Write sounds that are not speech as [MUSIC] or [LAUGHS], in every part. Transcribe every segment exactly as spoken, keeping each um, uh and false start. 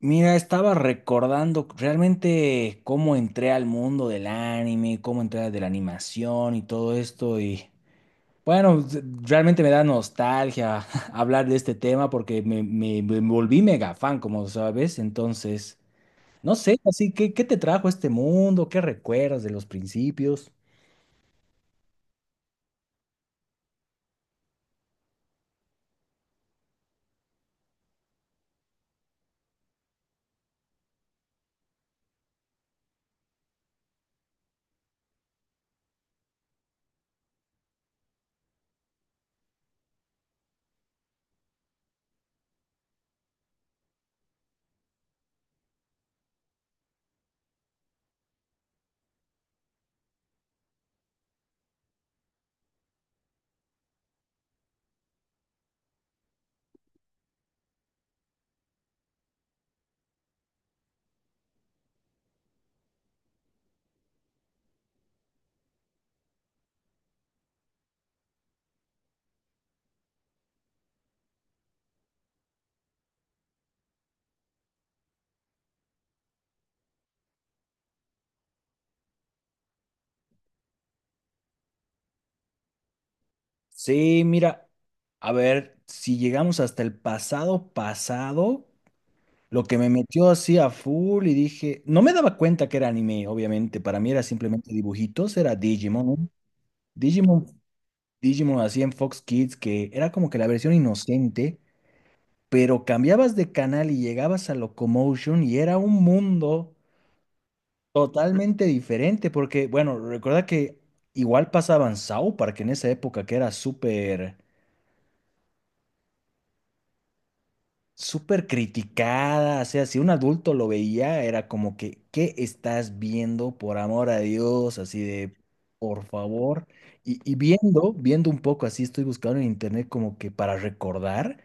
Mira, estaba recordando realmente cómo entré al mundo del anime, cómo entré de la animación y todo esto. Y bueno, s- realmente me da nostalgia [LAUGHS] hablar de este tema porque me, me- me volví mega fan, como sabes. Entonces, no sé, así que, ¿qué te trajo a este mundo? ¿Qué recuerdas de los principios? Sí, mira, a ver, si llegamos hasta el pasado pasado. Lo que me metió así a full y dije, no me daba cuenta que era anime, obviamente, para mí era simplemente dibujitos, era Digimon, ¿no? Digimon, Digimon así en Fox Kids, que era como que la versión inocente, pero cambiabas de canal y llegabas a Locomotion y era un mundo totalmente diferente, porque, bueno, recuerda que igual pasaban South Park en esa época que era súper súper criticada, o sea, si un adulto lo veía, era como que, ¿qué estás viendo? Por amor a Dios, así de, por favor. Y, y viendo, viendo un poco así, estoy buscando en internet como que para recordar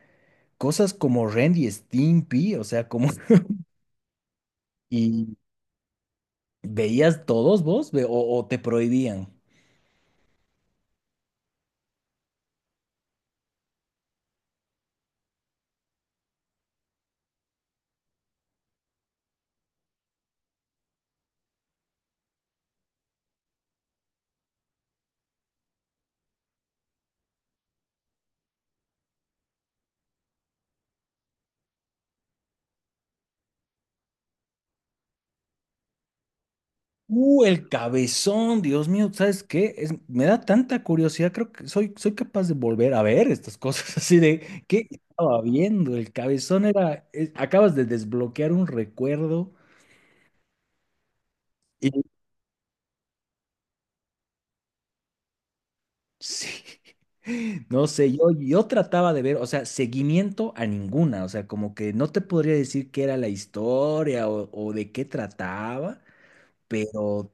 cosas como Ren y Stimpy, o sea, como… [LAUGHS] ¿Y veías todos vos Ve- o, o te prohibían? Uh, el cabezón, Dios mío, ¿sabes qué? Es- me da tanta curiosidad, creo que soy, soy capaz de volver a ver estas cosas [LAUGHS] así de, ¿qué estaba viendo? El cabezón era, es- acabas de desbloquear un recuerdo y sí, [LAUGHS] no sé, yo, yo trataba de ver, o sea, seguimiento a ninguna, o sea, como que no te podría decir qué era la historia o, o de qué trataba, pero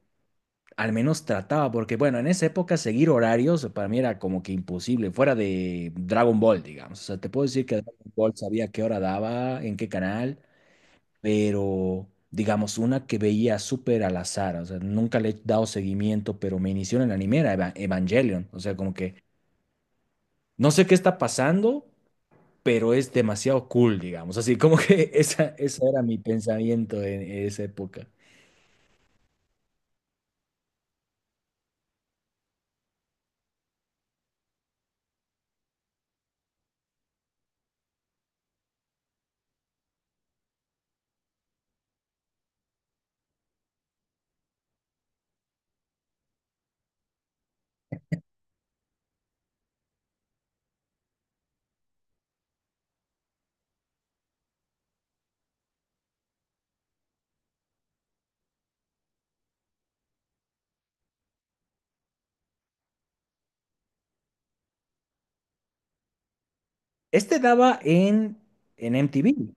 al menos trataba, porque bueno, en esa época seguir horarios para mí era como que imposible, fuera de Dragon Ball, digamos. O sea, te puedo decir que Dragon Ball sabía qué hora daba, en qué canal, pero digamos, una que veía súper al azar, o sea, nunca le he dado seguimiento, pero me inició en el anime, era Eva- Evangelion. O sea, como que no sé qué está pasando, pero es demasiado cool, digamos. Así como que [LAUGHS] esa, ese era mi pensamiento en en esa época. Este daba en, en M T V.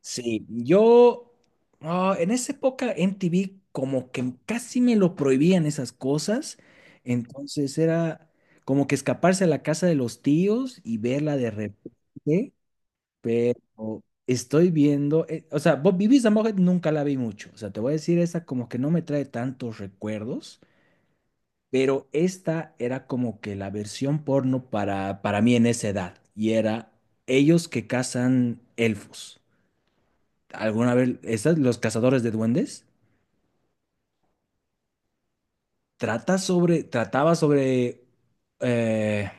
Sí, yo ah, en esa época M T V como que casi me lo prohibían esas cosas. Entonces era como que escaparse a la casa de los tíos y verla de repente. Pero estoy viendo, eh, o sea, Bob Bibi Mujer nunca la vi mucho. O sea, te voy a decir, esa como que no me trae tantos recuerdos. Pero esta era como que la versión porno para, para mí en esa edad. Y era ellos que cazan elfos. ¿Alguna vez, estas, los cazadores de duendes? Trata sobre, trataba sobre, eh,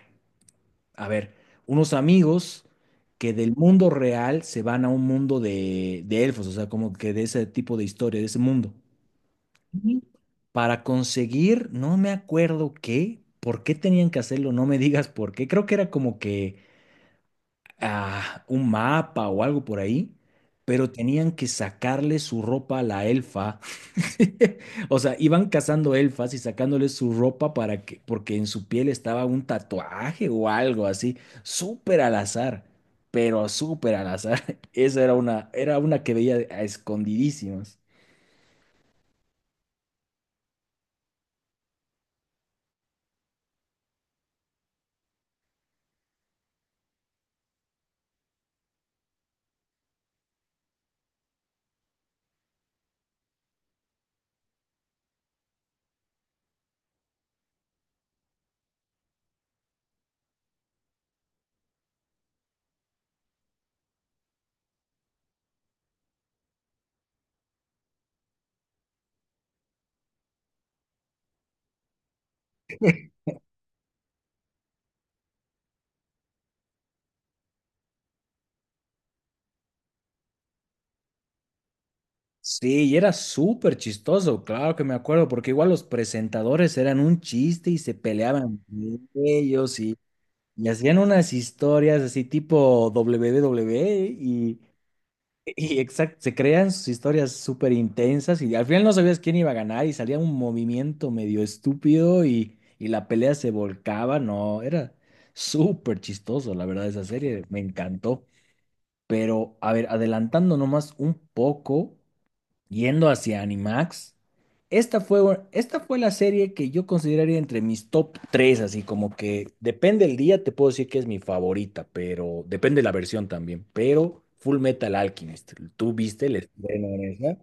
a ver, unos amigos que del mundo real se van a un mundo de, de elfos. O sea, como que de ese tipo de historia, de ese mundo. Ujú. Para conseguir, no me acuerdo qué, por qué tenían que hacerlo, no me digas por qué. Creo que era como que ah, un mapa o algo por ahí, pero tenían que sacarle su ropa a la elfa. [LAUGHS] O sea, iban cazando elfas y sacándole su ropa para que, porque en su piel estaba un tatuaje o algo así, súper al azar, pero súper al azar. [LAUGHS] Esa era una, era una que veía a escondidísimas. Sí, y era súper chistoso, claro que me acuerdo, porque igual los presentadores eran un chiste y se peleaban entre ellos. y Y hacían unas historias así tipo W W E y, y exact- se crean sus historias súper intensas y al final no sabías quién iba a ganar y salía un movimiento medio estúpido y, y la pelea se volcaba. No, era súper chistoso, la verdad, esa serie me encantó. Pero, a ver, adelantando nomás un poco. Yendo hacia Animax, esta fue, esta fue la serie que yo consideraría entre mis top tres así como que depende el día, te puedo decir que es mi favorita, pero depende la versión también. Pero Full Metal Alchemist, ¿tú viste el estreno en esa?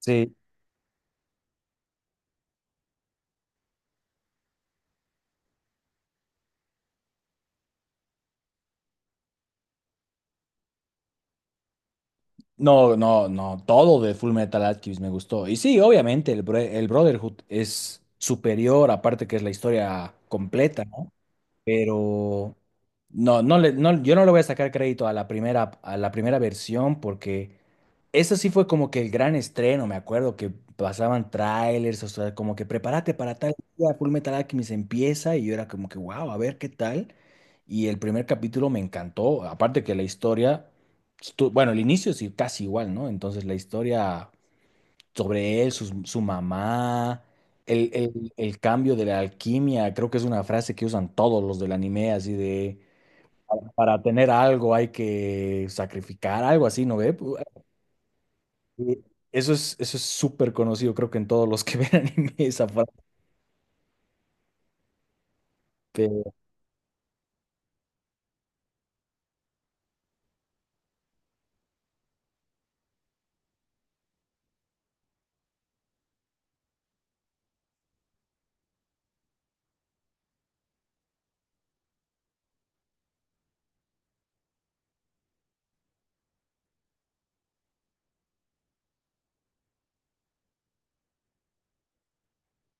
Sí. No, no, no, todo de Full Metal Alchemist me gustó. Y sí, obviamente, el, bro- el Brotherhood es superior, aparte que es la historia completa, ¿no? Pero no, no le, no, yo no le voy a sacar crédito a la primera, a la primera versión porque eso sí fue como que el gran estreno, me acuerdo que pasaban trailers, o sea, como que prepárate para tal día, Full Metal Alchemist empieza y yo era como que, wow, a ver qué tal. Y el primer capítulo me encantó, aparte que la historia, estu- bueno, el inicio sí casi igual, ¿no? Entonces la historia sobre él, su su, mamá, el, el- el cambio de la alquimia, creo que es una frase que usan todos los del anime, así de, para tener algo hay que sacrificar, algo así, ¿no ve? Pu- eh, Eso es, eso es súper conocido, creo que en todos los que [LAUGHS] ven anime esa frase. pero-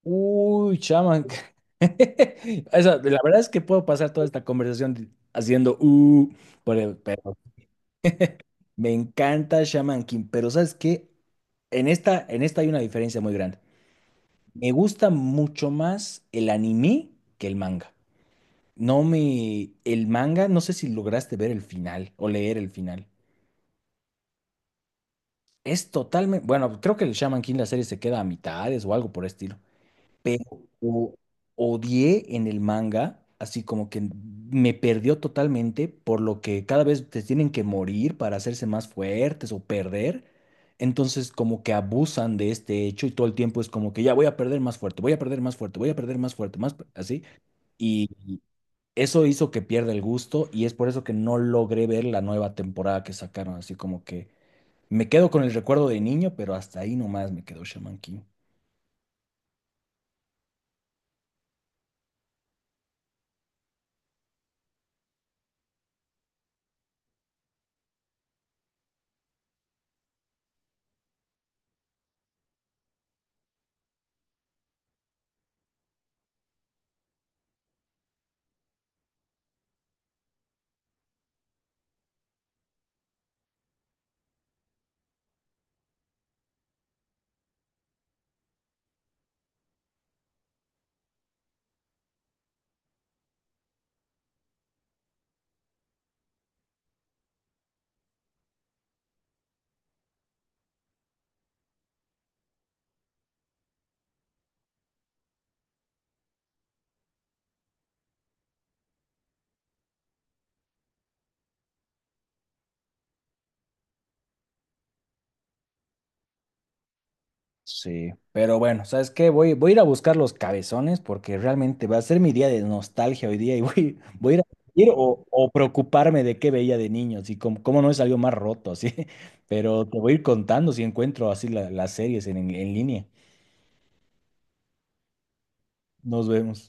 Uy, chaman. [LAUGHS] Esa- la verdad es que puedo pasar toda esta conversación di- haciendo, uh, por el- pero me encanta Shaman King, pero ¿sabes qué? En esta, en esta hay una diferencia muy grande. Me gusta mucho más el anime que el manga. No me… El manga, no sé si lograste ver el final o leer el final. Es totalmente… Bueno, creo que el Shaman King, la serie se queda a mitades o algo por el estilo. Pero o- odié en el manga, así como que me perdió totalmente, por lo que cada vez te tienen que morir para hacerse más fuertes o perder. Entonces como que abusan de este hecho y todo el tiempo es como que ya voy a perder más fuerte, voy a perder más fuerte, voy a perder más fuerte, más fu- así. Y eso hizo que pierda el gusto y es por eso que no logré ver la nueva temporada que sacaron. Así como que me quedo con el recuerdo de niño, pero hasta ahí nomás me quedó Shaman King. Sí, pero bueno, ¿sabes qué? Voy, voy a ir a buscar los cabezones porque realmente va a ser mi día de nostalgia hoy día y [LAUGHS] voy, voy a ir a ir o, o preocuparme de qué veía de niño, así como, cómo no es algo más roto, así. [LAUGHS] Pero te voy a ir contando si encuentro así la- las series en en- en línea. Nos vemos.